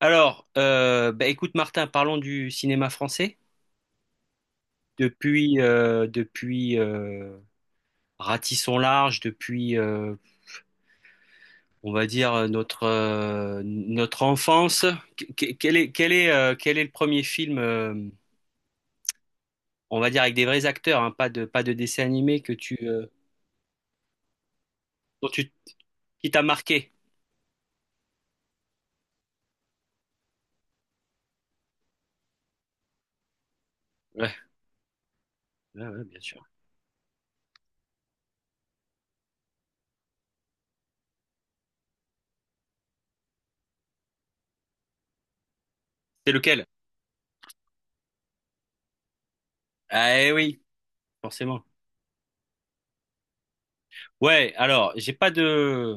Alors, bah, écoute Martin, parlons du cinéma français. Depuis Ratisson Large, depuis, on va dire, notre enfance, que- quel est, quel est, quel est le premier film, on va dire, avec des vrais acteurs, hein, pas de dessin animé dont tu, qui t'a marqué? Ouais, ouais, ouais, bien sûr. C'est lequel? Ah, eh, oui, forcément. Ouais, alors, j'ai pas de,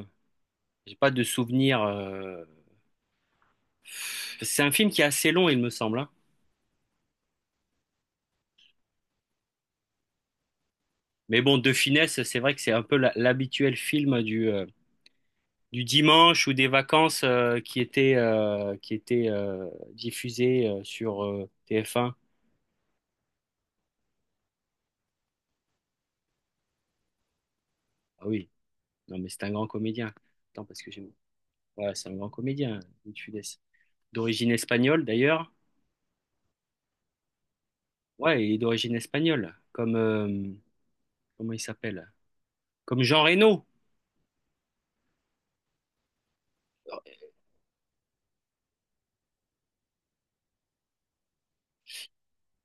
j'ai pas de souvenir. C'est un film qui est assez long, il me semble, hein. Mais bon, de finesse, c'est vrai que c'est un peu l'habituel film du dimanche ou des vacances qui était diffusé sur TF1. Ah oui, non, mais c'est un grand comédien. Attends, parce que j'ai. Ouais, c'est un grand comédien, Louis de Funès. D'origine espagnole, d'ailleurs. Ouais, il est d'origine espagnole. Comment il s'appelle? Comme Jean Reno.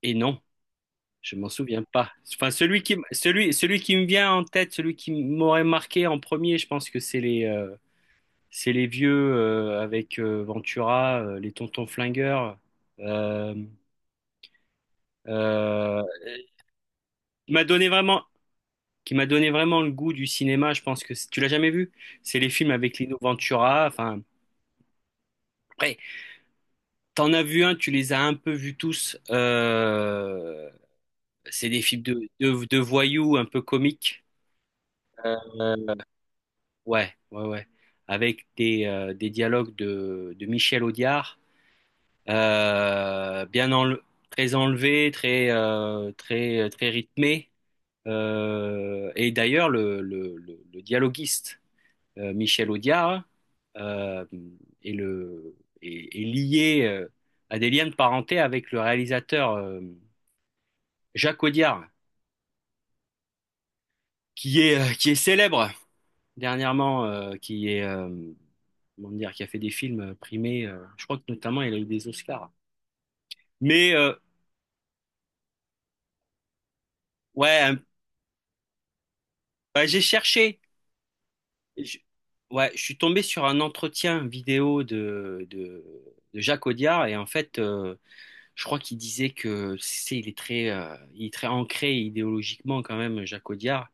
Et non, je m'en souviens pas. Enfin, celui qui me vient en tête, celui qui m'aurait marqué en premier, je pense que c'est les vieux avec Ventura, les tontons flingueurs. euh, euh, qui m'a donné vraiment, qui m'a donné vraiment le goût du cinéma. Je pense que tu l'as jamais vu. C'est les films avec Lino Ventura. Enfin, après, t'en as vu un, tu les as un peu vus tous. C'est des films de voyous un peu comiques. Euh, ouais, ouais, ouais. Avec des dialogues de Michel Audiard. Euh, bien enle- très enlevé, très très très rythmé. Et d'ailleurs, le dialoguiste Michel Audiard euh, est le est lié à des liens de parenté avec le réalisateur Jacques Audiard, qui est célèbre dernièrement, qui est comment dire, qui a fait des films primés. Je crois que notamment il a eu des Oscars. Mais ouais, bah, j'ai cherché. Je, ouais, je suis tombé sur un entretien vidéo de Jacques Audiard et en fait, je crois qu'il disait il est très ancré idéologiquement quand même, Jacques Audiard,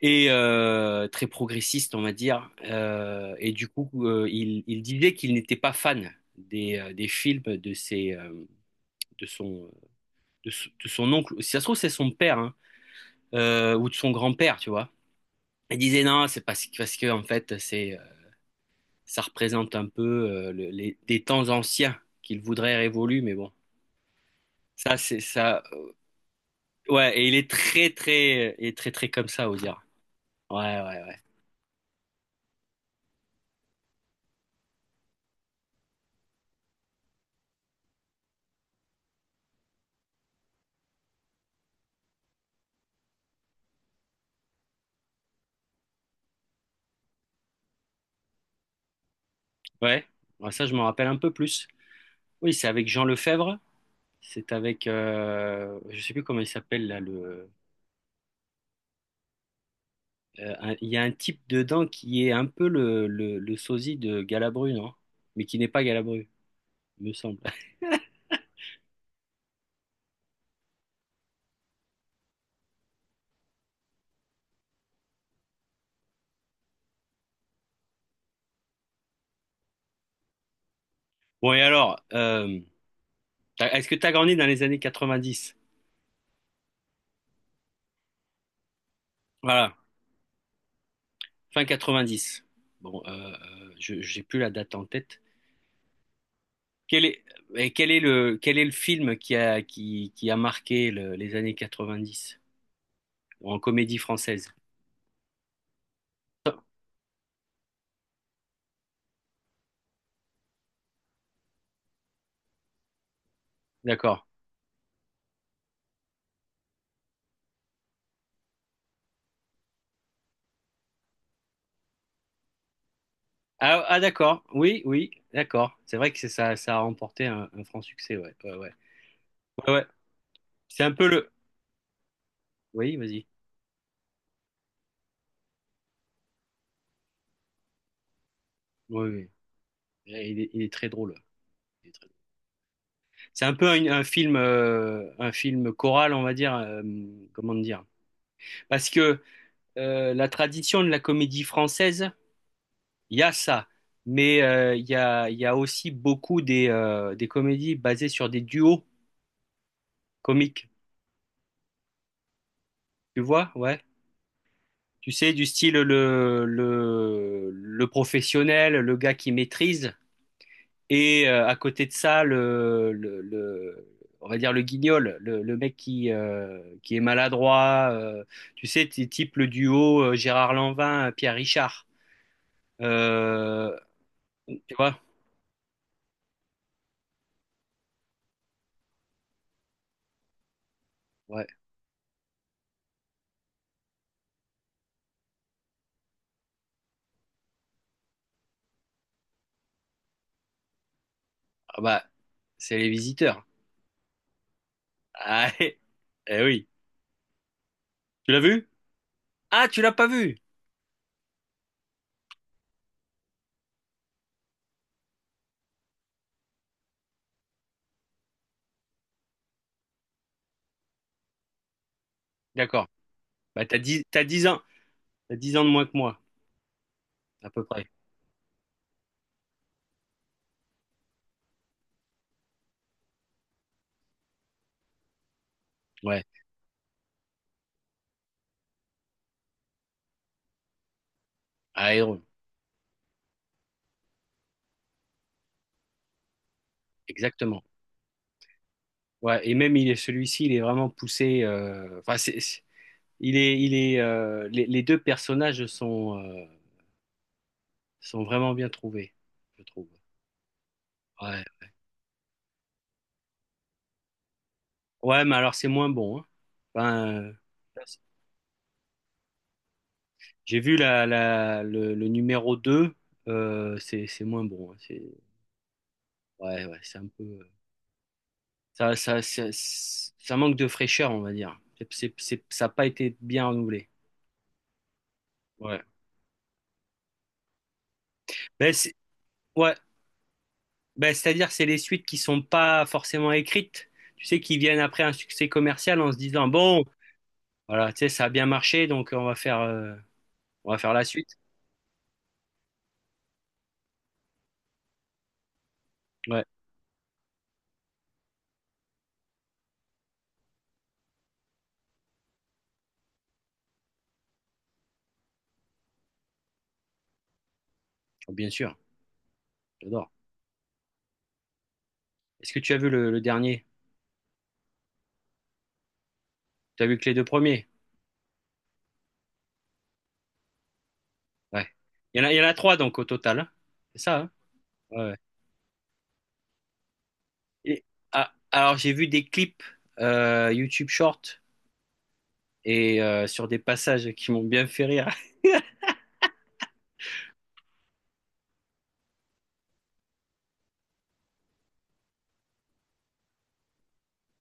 et très progressiste, on va dire. Et du coup, il disait qu'il n'était pas fan des films de ses, de son, de, son de son oncle. Si ça se trouve, c'est son père, hein, ou de son grand-père, tu vois. Il disait non, c'est parce que en fait, c'est ça représente un peu des temps anciens qu'il voudrait révolus, mais bon, ça c'est ça. Ouais, et il est très très et très très comme ça, Ozira. Ouais, ouais, ouais. Ouais, ouais, ça je m'en rappelle un peu plus. Oui, c'est avec Jean Lefebvre. C'est avec, je sais plus comment il s'appelle là. Il y a un type dedans qui est un peu le sosie de Galabru, non? Mais qui n'est pas Galabru, me semble. Bon et alors, est-ce que tu as grandi dans les années 90? Voilà. Fin 90. Bon, je j'ai plus la date en tête. Quel est, et quel est le film qui a marqué les années 90 en comédie française? D'accord. Ah, ah, d'accord. Oui, oui, d'accord. C'est vrai que c'est ça, ça a remporté un franc succès. Ouais, ouais, ouais. Ouais, ouais. C'est un peu le. Oui, vas-y. Oui, oui. Eh, il est très drôle. Il est très drôle. C'est un peu un film choral, on va dire. Comment dire? Parce que la tradition de la comédie française, il y a ça, mais il y a aussi beaucoup des comédies basées sur des duos comiques, tu vois, ouais. Tu sais, du style le professionnel, le gars qui maîtrise, et à côté de ça, on va dire le guignol, le mec qui est maladroit, tu sais, type le duo Gérard Lanvin, Pierre Richard. Euh, Tu vois? Ouais. Ah bah, c'est Les Visiteurs. Ah, eh oui. Tu l'as vu? Ah, tu l'as pas vu? D'accord. Bah, t'as dix ans. T'as 10 ans de moins que moi, à peu près. Ouais. Ah, Iron. Exactement. Ouais. Et même, il est celui-ci, il est vraiment poussé. Enfin, les deux personnages sont vraiment bien trouvés, je trouve. Ouais. Ouais, mais alors, c'est moins bon, hein. Enfin, j'ai vu le numéro 2. C'est moins bon, hein. C'est, ouais, ouais, c'est un peu. Ça manque de fraîcheur, on va dire. Ça n'a pas été bien renouvelé. Ouais. Ben, c'est, ouais. Ben, c'est-à-dire, c'est les suites qui sont pas forcément écrites, tu sais, qui viennent après un succès commercial en se disant, bon, voilà, tu sais, ça a bien marché, donc on va faire la suite. Ouais, bien sûr, j'adore. Est-ce que tu as vu le dernier? Tu as vu que les deux premiers? Ouais. Il y en a trois, donc, au total, hein. C'est ça, hein? Ouais. Et- ah, alors, j'ai vu des clips YouTube Short et sur des passages qui m'ont bien fait rire.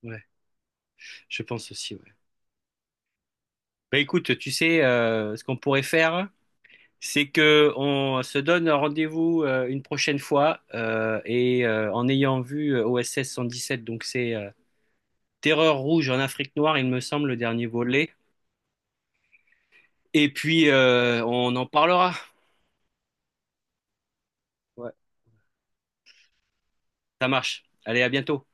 Ouais, je pense aussi. Ouais. Bah, écoute, tu sais, ce qu'on pourrait faire, c'est que on se donne rendez-vous une prochaine fois et en ayant vu OSS 117, donc c'est Terreur rouge en Afrique noire, il me semble, le dernier volet. Et puis on en parlera. Ouais, ça marche. Allez, à bientôt.